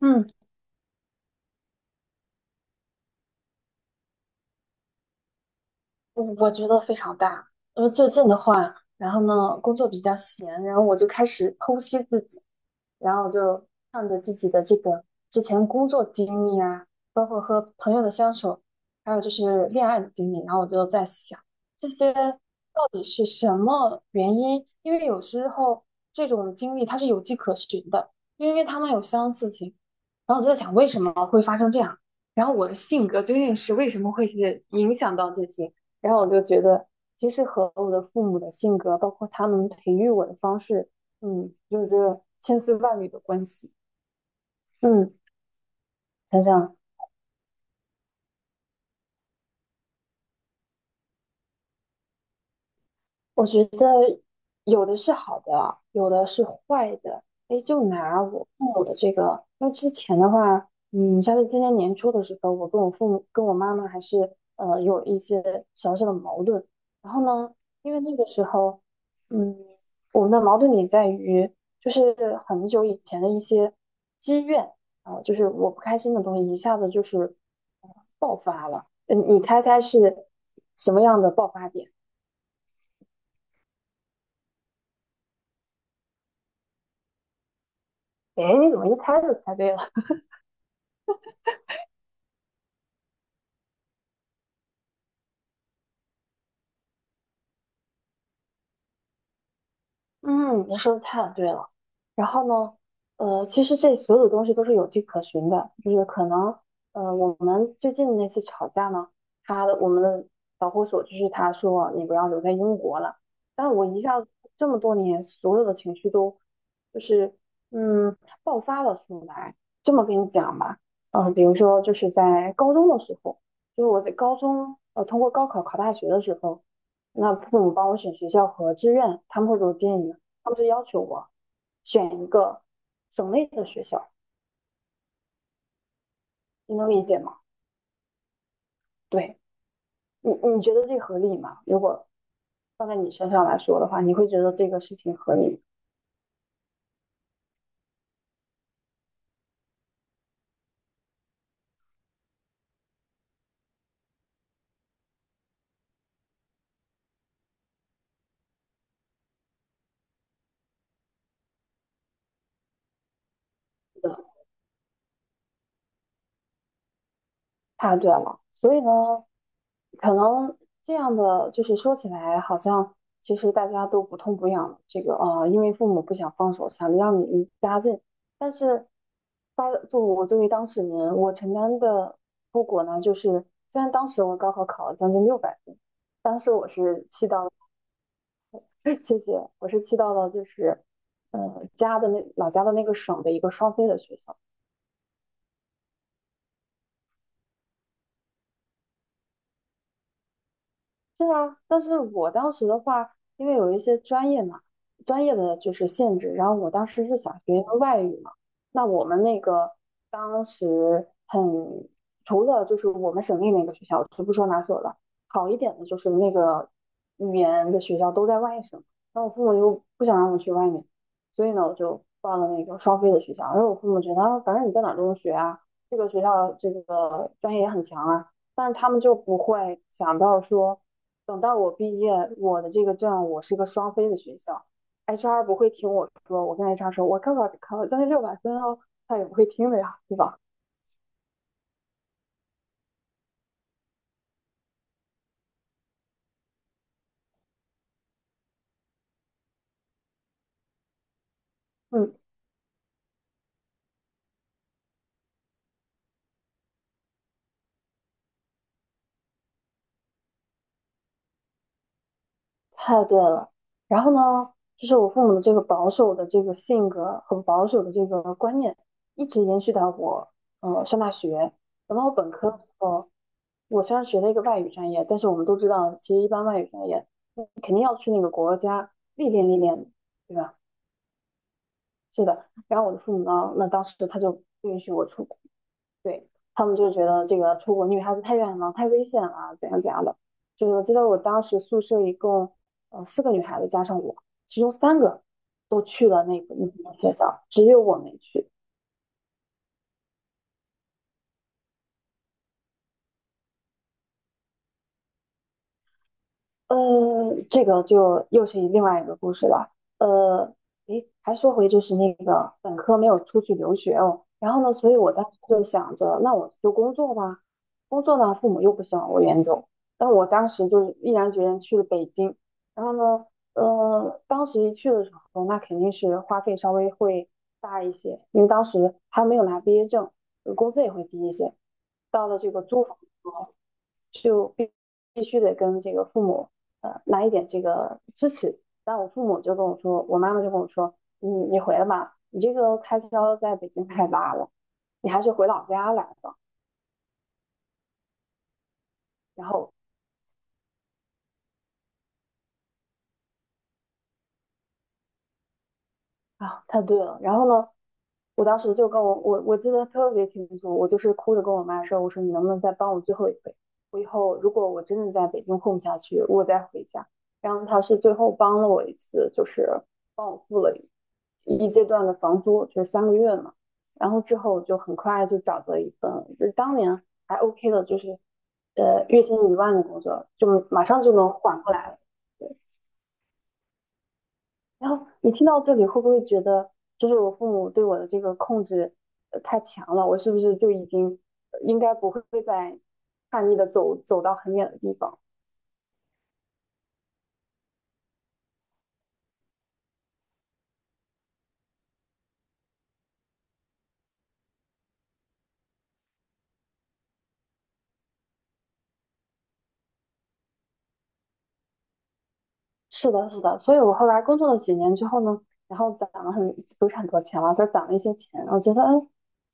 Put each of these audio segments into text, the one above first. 嗯，我觉得非常大。因为最近的话，然后呢，工作比较闲，然后我就开始剖析自己，然后我就看着自己的这个之前工作经历啊，包括和朋友的相处，还有就是恋爱的经历，然后我就在想，这些到底是什么原因？因为有时候这种经历它是有迹可循的，因为他们有相似性。然后我就在想，为什么会发生这样？然后我的性格究竟是为什么会是影响到这些？然后我就觉得，其实和我的父母的性格，包括他们培育我的方式，有着千丝万缕的关系。嗯，想想我觉得有的是好的，有的是坏的。哎，就拿我父母的这个，因为之前的话，像是今年年初的时候，我跟我父母、跟我妈妈还是有一些小小的矛盾。然后呢，因为那个时候，嗯，我们的矛盾点在于，就是很久以前的一些积怨啊，就是我不开心的东西，一下子就是，嗯，你猜猜是什么样的爆发点？哎，你怎么一猜就猜对了？嗯，你说的太对了。然后呢，其实这所有的东西都是有迹可循的，就是可能，我们最近那次吵架呢，我们的导火索就是他说你不要留在英国了，但我一下子这么多年所有的情绪都就是嗯爆发了出来。这么跟你讲吧，嗯，比如说就是在高中的时候，就是我在高中通过高考考大学的时候。那父母帮我选学校和志愿，他们会给我建议，他们就要求我选一个省内的学校，你能理解吗？对你，你觉得这合理吗？如果放在你身上来说的话，你会觉得这个事情合理吗？太对了，所以呢，可能这样的就是说起来，好像其实大家都不痛不痒。这个因为父母不想放手，想让你离家近，但是发作我作为当事人，我承担的后果呢，就是虽然当时我高考考了将近六百分，当时我是气到了，谢谢，我是气到了，就是家的那老家的那个省的一个双非的学校。是啊，但是我当时的话，因为有一些专业嘛，专业的就是限制，然后我当时是想学一个外语嘛，那我们那个当时很，除了就是我们省内那个学校，就不说哪所了，好一点的就是那个语言的学校都在外省，那我父母又不想让我去外面，所以呢，我就报了那个双非的学校，然后我父母觉得，啊反正你在哪儿都能学啊，这个学校这个专业也很强啊。但是他们就不会想到说，等到我毕业，我的这个证我是个双非的学校，HR 不会听我说，我跟 HR 说我高考只考了将近六百分哦，他也不会听的呀，对吧？嗯，太对了。然后呢，就是我父母的这个保守的这个性格很保守的这个观念，一直延续到我上大学。等到我本科的时候，我虽然学了一个外语专业，但是我们都知道，其实一般外语专业历练历练，对吧？是的。然后我的父母呢，那当时他就不允许我出国。对，他们就觉得这个出国女孩子太远了，太危险了，怎样怎样的。就是我记得我当时宿舍一共四个女孩子加上我，其中三个都去了那个那个学校，只有我没去。呃，这个就又是另外一个故事了。呃，诶，还说回就是那个本科没有出去留学哦，然后呢，所以我当时就想着，那我就工作吧，工作呢，父母又不希望我远走，但我当时就是毅然决然去了北京。然后呢，当时一去的时候，那肯定是花费稍微会大一些，因为当时还没有拿毕业证，工资也会低一些。到了这个租房的时候，就必须得跟这个父母。来一点这个支持。但我父母就跟我说，我妈妈就跟我说，你回来吧，你这个开销在北京太大了，你还是回老家来吧。然后啊，太对了。然后呢，我当时就跟我记得特别清楚，我就是哭着跟我妈说，我说你能不能再帮我最后一回？我以后如果我真的在北京混不下去，我再回家。然后她是最后帮了我一次，就是帮我付了一阶段的房租，就是三个月嘛。然后之后就很快就找到一份，就是当年还 OK 的，就是月薪1万的工作，就马上就能缓过来了。对，然后你听到这里会不会觉得，就是我父母对我的这个控制太强了？我是不是就已经应该不会再叛逆的走到很远的地方？是的，是的，所以我后来工作了几年之后呢，然后攒了很，不是很多钱了，就攒了一些钱。我觉得，哎，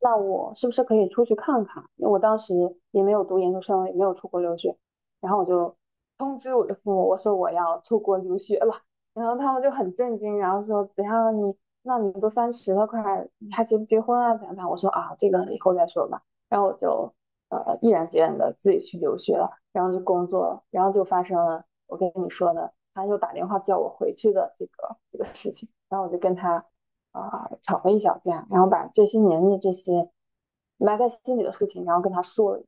那我是不是可以出去看看？因为我当时也没有读研究生，也没有出国留学，然后我就通知我的父母，我说我要出国留学了。然后他们就很震惊，然后说怎样你，那你都30了，快你还结不结婚啊？怎样怎样？我说啊，这个以后再说吧。然后我就毅然决然的自己去留学了，然后就工作了，然后就发生了我跟你说的，他又打电话叫我回去的这个事情，然后我就跟他吵了一小架，然后把这些年的这些埋在心里的事情，然后跟他说了，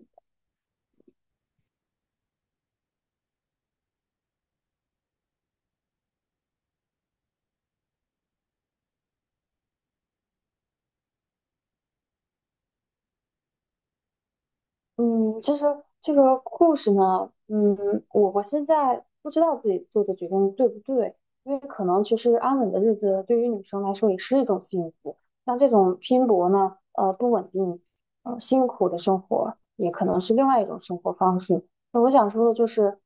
嗯，其实这个故事呢，我现在不知道自己做的决定对不对，因为可能其实安稳的日子对于女生来说也是一种幸福。那这种拼搏呢，不稳定，辛苦的生活也可能是另外一种生活方式。那我想说的就是，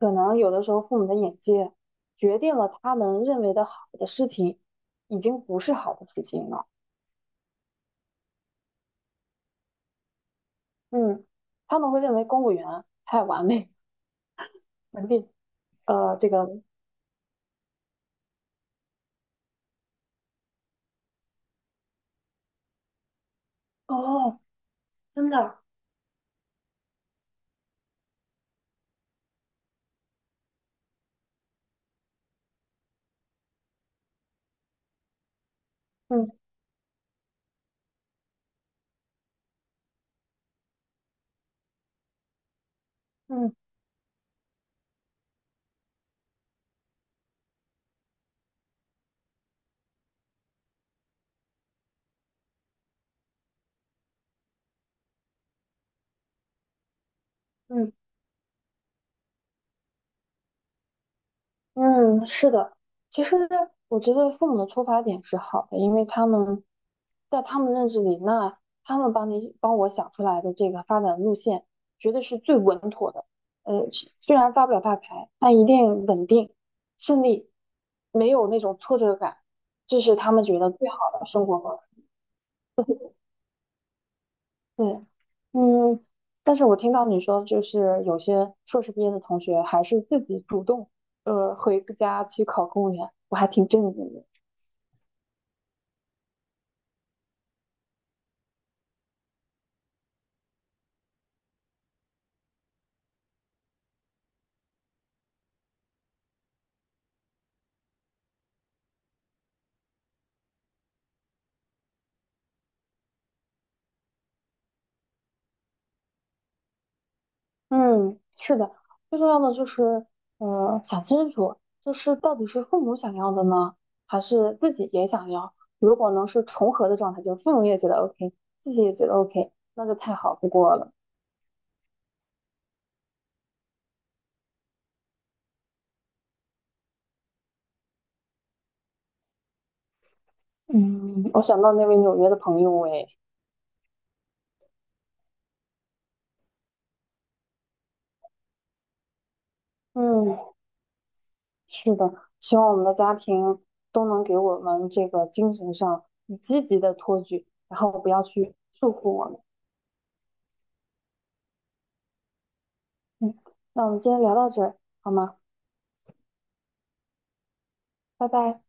可能有的时候父母的眼界决定了他们认为的好的事情，已经不是好的事情了。嗯，他们会认为公务员太完美、稳定。呃，这个哦，真的，嗯嗯嗯嗯，是的。其实我觉得父母的出发点是好的，因为他们在他们认知里，那他们帮我想出来的这个发展路线，绝对是最稳妥的。呃，是虽然发不了大财，但一定稳定、顺利，没有那种挫折感，这是他们觉得最好的生活方式。对，嗯，但是我听到你说，就是有些硕士毕业的同学还是自己主动，回家去考公务员，我还挺震惊的。嗯，是的，最重要的就是，想清楚，就是到底是父母想要的呢，还是自己也想要？如果能是重合的状态，就是父母也觉得 OK,自己也觉得 OK,那就太好不过了。嗯，我想到那位纽约的朋友，哎，嗯。是的，希望我们的家庭都能给我们这个精神上积极的托举，然后不要去束缚我们。嗯，那我们今天聊到这儿，好吗？拜拜。